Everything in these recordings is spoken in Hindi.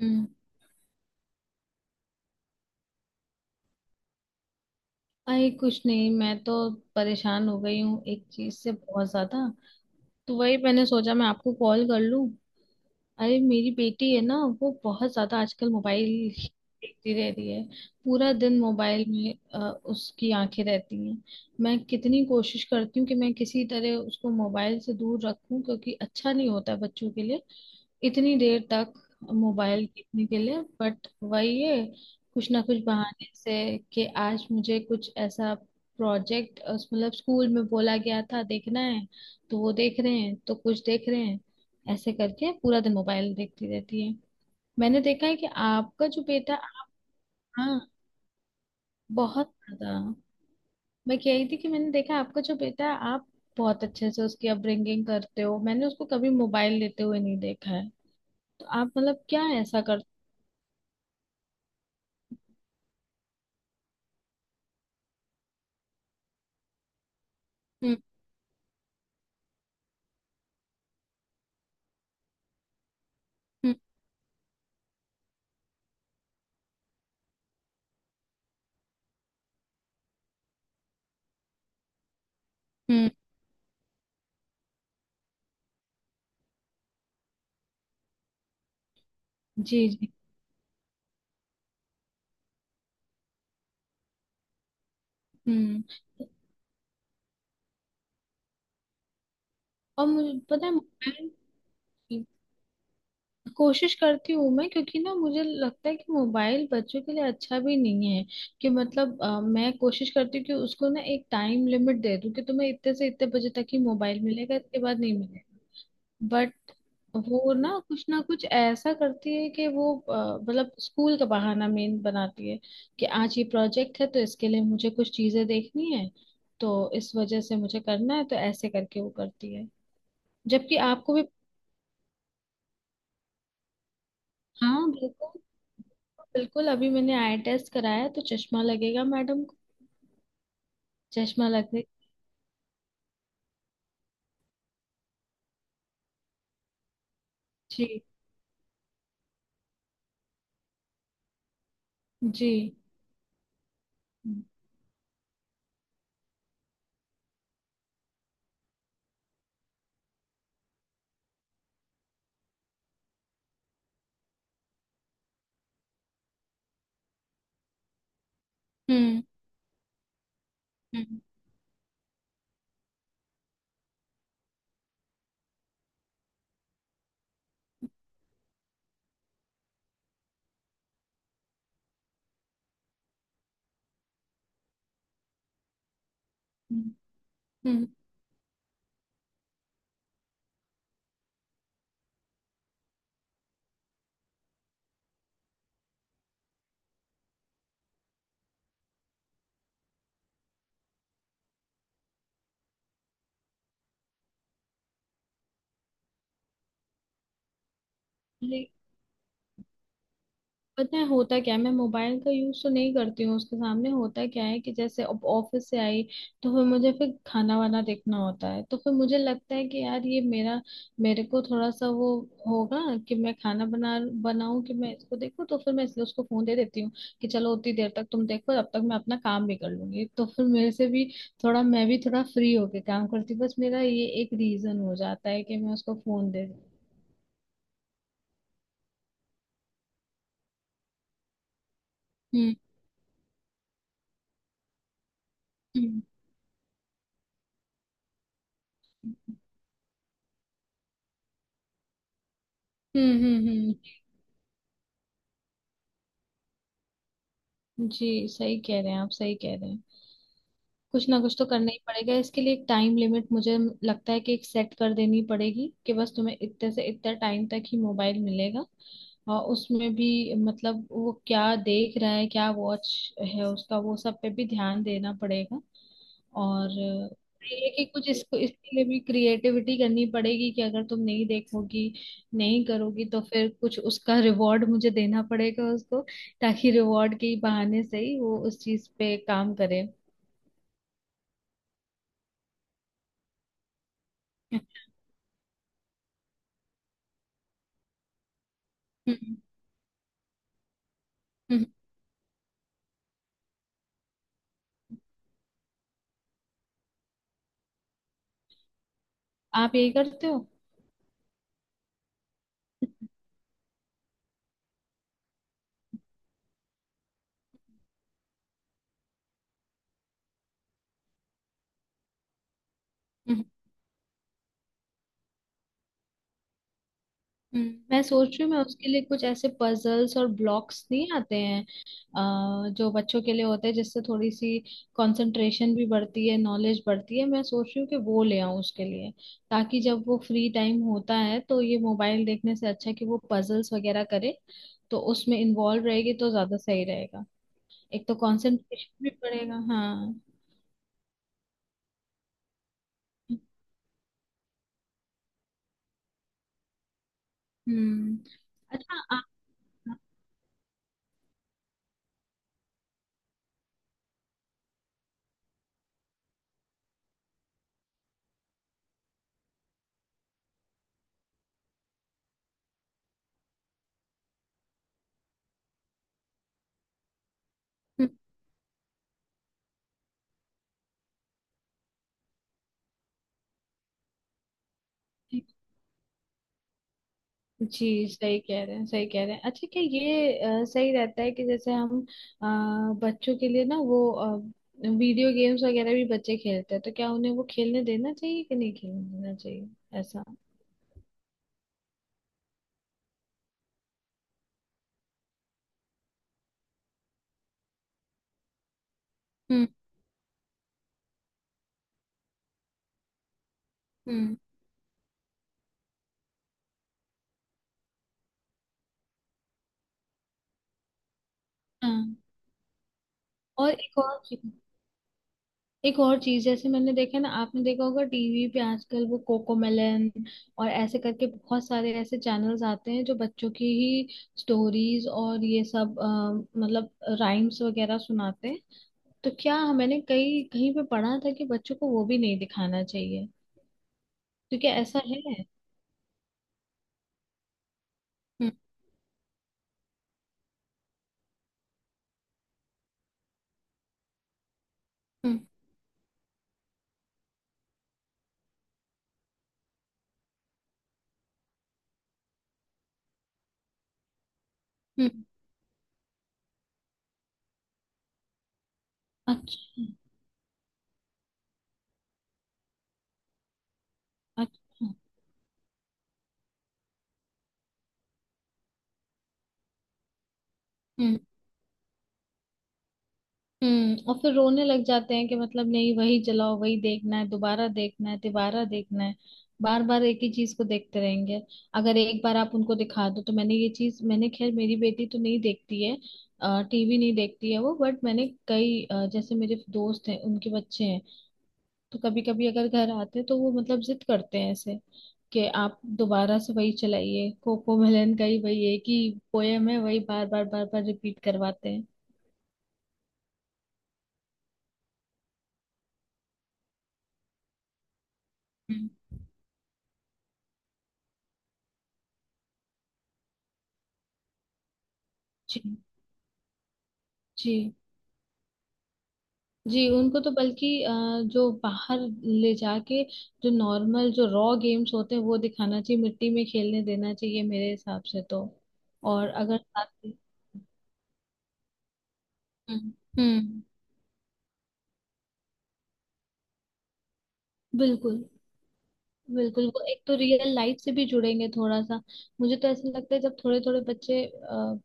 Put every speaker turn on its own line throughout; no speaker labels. हम्म, अरे कुछ नहीं, मैं तो परेशान हो गई हूँ एक चीज से बहुत ज्यादा। तो वही मैंने सोचा मैं आपको कॉल कर लूं। अरे, मेरी बेटी है ना, वो बहुत ज्यादा आजकल मोबाइल देखती रह रही है। पूरा दिन मोबाइल में उसकी आंखें रहती हैं। मैं कितनी कोशिश करती हूँ कि मैं किसी तरह उसको मोबाइल से दूर रखूं, क्योंकि अच्छा नहीं होता है बच्चों के लिए इतनी देर तक मोबाइल देखने के लिए, बट वही है, कुछ ना कुछ बहाने से, कि आज मुझे कुछ ऐसा प्रोजेक्ट, मतलब स्कूल में बोला गया था, देखना है। तो वो देख रहे हैं तो कुछ देख रहे हैं, ऐसे करके पूरा दिन मोबाइल देखती रहती है। मैंने देखा है कि आपका जो बेटा। हाँ। बहुत ज्यादा। मैं कह रही थी कि मैंने देखा, आपका जो बेटा है, आप बहुत अच्छे से उसकी अपब्रिंगिंग करते हो, मैंने उसको कभी मोबाइल लेते हुए नहीं देखा है। तो आप मतलब क्या ऐसा करते। हम्म, हम्म। जी, जी। हम्म। और मुझे पता है मोबाइल, कोशिश करती हूँ मैं, क्योंकि ना मुझे लगता है कि मोबाइल बच्चों के लिए अच्छा भी नहीं है। कि मतलब मैं कोशिश करती हूँ कि उसको ना एक टाइम लिमिट दे दूँ, कि तुम्हें इतने से इतने बजे तक ही मोबाइल मिलेगा, इसके बाद नहीं मिलेगा। बट वो ना कुछ ऐसा करती है कि वो मतलब स्कूल का बहाना मेन बनाती है। कि आज ये प्रोजेक्ट है, तो इसके लिए मुझे कुछ चीजें देखनी है, तो इस वजह से मुझे करना है, तो ऐसे करके वो करती है। जबकि आपको भी। हाँ, बिल्कुल। बिल्कुल, अभी मैंने आई टेस्ट कराया तो चश्मा लगेगा मैडम को। चश्मा लगने। जी, जी। हम्म, हम्म, हम्म, हम्म। पता है होता क्या है, मैं मोबाइल का यूज तो नहीं करती हूँ उसके सामने। होता क्या है कि जैसे अब ऑफिस से आई, तो फिर मुझे फिर खाना वाना देखना होता है, तो फिर मुझे लगता है कि यार ये मेरा, मेरे को थोड़ा सा वो होगा, कि मैं खाना बना बनाऊं कि मैं इसको देखूं, तो फिर मैं इसलिए उसको फोन दे देती हूँ, कि चलो उतनी देर तक तुम देखो, तब तक मैं अपना काम भी कर लूंगी, तो फिर मेरे से भी थोड़ा, मैं भी थोड़ा फ्री होके काम करती हूँ। बस मेरा ये एक रीजन हो जाता है कि मैं उसको फोन दे देती हूँ। हम्म, हम्म, हम्म, हम्म, हम्म। जी, सही कह रहे हैं आप, सही कह रहे हैं। कुछ ना कुछ तो करना ही पड़ेगा इसके लिए, एक टाइम लिमिट मुझे लगता है कि एक सेट कर देनी पड़ेगी, कि बस तुम्हें इतने से इतना टाइम तक ही मोबाइल मिलेगा। और उसमें भी मतलब वो क्या देख रहा है, क्या वॉच है उसका, वो सब पे भी ध्यान देना पड़ेगा। और ये है कि कुछ इसको, इसके लिए भी क्रिएटिविटी करनी पड़ेगी, कि अगर तुम नहीं देखोगी नहीं करोगी, तो फिर कुछ उसका रिवॉर्ड मुझे देना पड़ेगा उसको, ताकि रिवॉर्ड के ही बहाने से ही वो उस चीज पे काम करे। हम्म, हम्म। आप यही करते हो? मैं सोच रही हूँ, मैं उसके लिए कुछ ऐसे पजल्स और ब्लॉक्स नहीं आते हैं जो बच्चों के लिए होते हैं, जिससे थोड़ी सी कंसंट्रेशन भी बढ़ती है, नॉलेज बढ़ती है, मैं सोच रही हूँ कि वो ले आऊँ उसके लिए, ताकि जब वो फ्री टाइम होता है तो ये मोबाइल देखने से अच्छा है कि वो पजल्स वगैरह करे, तो उसमें इन्वॉल्व रहेगी तो ज्यादा सही रहेगा। एक तो कंसंट्रेशन भी बढ़ेगा, हाँ। हम्म। अच्छा। आप। जी, सही कह रहे हैं, सही कह रहे हैं। अच्छा, क्या ये सही रहता है कि जैसे हम अ, बच्चों के लिए ना वो वीडियो गेम्स वगैरह भी बच्चे खेलते हैं, तो क्या उन्हें वो खेलने देना चाहिए कि नहीं खेलने देना चाहिए? ऐसा। हम्म, हम्म, हाँ। और एक और चीज, एक और चीज, जैसे मैंने देखा ना, आपने देखा होगा टीवी पे आजकल वो कोकोमेलन और ऐसे करके बहुत सारे ऐसे चैनल्स आते हैं जो बच्चों की ही स्टोरीज और ये सब मतलब राइम्स वगैरह सुनाते हैं। तो क्या, मैंने कहीं कहीं पे पढ़ा था कि बच्चों को वो भी नहीं दिखाना चाहिए, तो क्या ऐसा है? हम्म, हम्म, हम्म। अच्छा। अच्छा। हम्म, हम्म। और फिर रोने लग जाते हैं, कि मतलब नहीं, वही चलाओ, वही देखना है, दोबारा देखना है, तिबारा देखना है, बार बार एक ही चीज को देखते रहेंगे अगर एक बार आप उनको दिखा दो। तो मैंने ये चीज, मैंने खैर, मेरी बेटी तो नहीं देखती है टीवी, नहीं देखती है वो, बट मैंने कई जैसे मेरे दोस्त हैं, उनके बच्चे हैं, तो कभी कभी अगर घर आते हैं तो वो मतलब जिद करते हैं ऐसे, कि आप दोबारा से वही चलाइए, कोको मेलन का ही वही एक ही पोयम है, वही बार बार बार बार रिपीट करवाते हैं। हम्म, जी, जी। जी, उनको तो बल्कि जो बाहर ले जाके जो नॉर्मल, जो रॉ गेम्स होते हैं वो दिखाना चाहिए, मिट्टी में खेलने देना चाहिए मेरे हिसाब से तो। और अगर साथ में-। हम्म, हम्म, बिल्कुल। बिल्कुल, वो एक तो रियल लाइफ से भी जुड़ेंगे थोड़ा सा। मुझे तो ऐसा लगता है जब थोड़े थोड़े बच्चे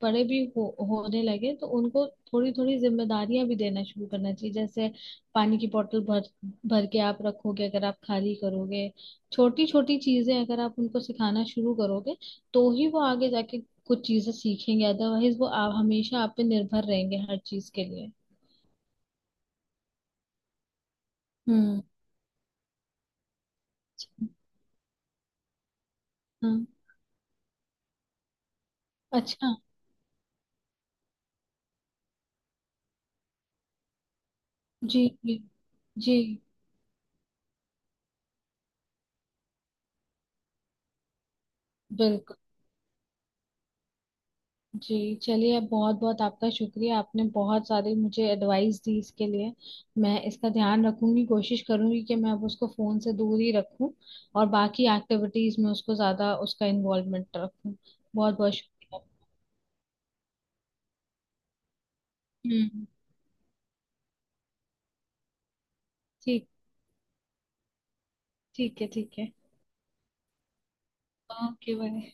बड़े भी हो होने लगे, तो उनको थोड़ी थोड़ी जिम्मेदारियां भी देना शुरू करना चाहिए, जैसे पानी की बोतल भर भर के आप रखोगे, अगर आप खाली करोगे, छोटी छोटी चीजें अगर आप उनको सिखाना शुरू करोगे तो ही वो आगे जाके कुछ चीजें सीखेंगे, अदरवाइज वो आप हमेशा आप पे निर्भर रहेंगे हर चीज के लिए। हम्म, हाँ, अच्छा, जी, जी, जी, बिल्कुल, जी। चलिए, बहुत बहुत आपका शुक्रिया, आपने बहुत सारी मुझे एडवाइस दी इसके लिए। मैं इसका ध्यान रखूंगी, कोशिश करूंगी कि मैं अब उसको फोन से दूर ही रखूं और बाकी एक्टिविटीज में उसको ज्यादा उसका इन्वॉल्वमेंट रखूं। बहुत बहुत शुक्रिया। हम्म। ठीक, ठीक है, ठीक है। Okay, bye.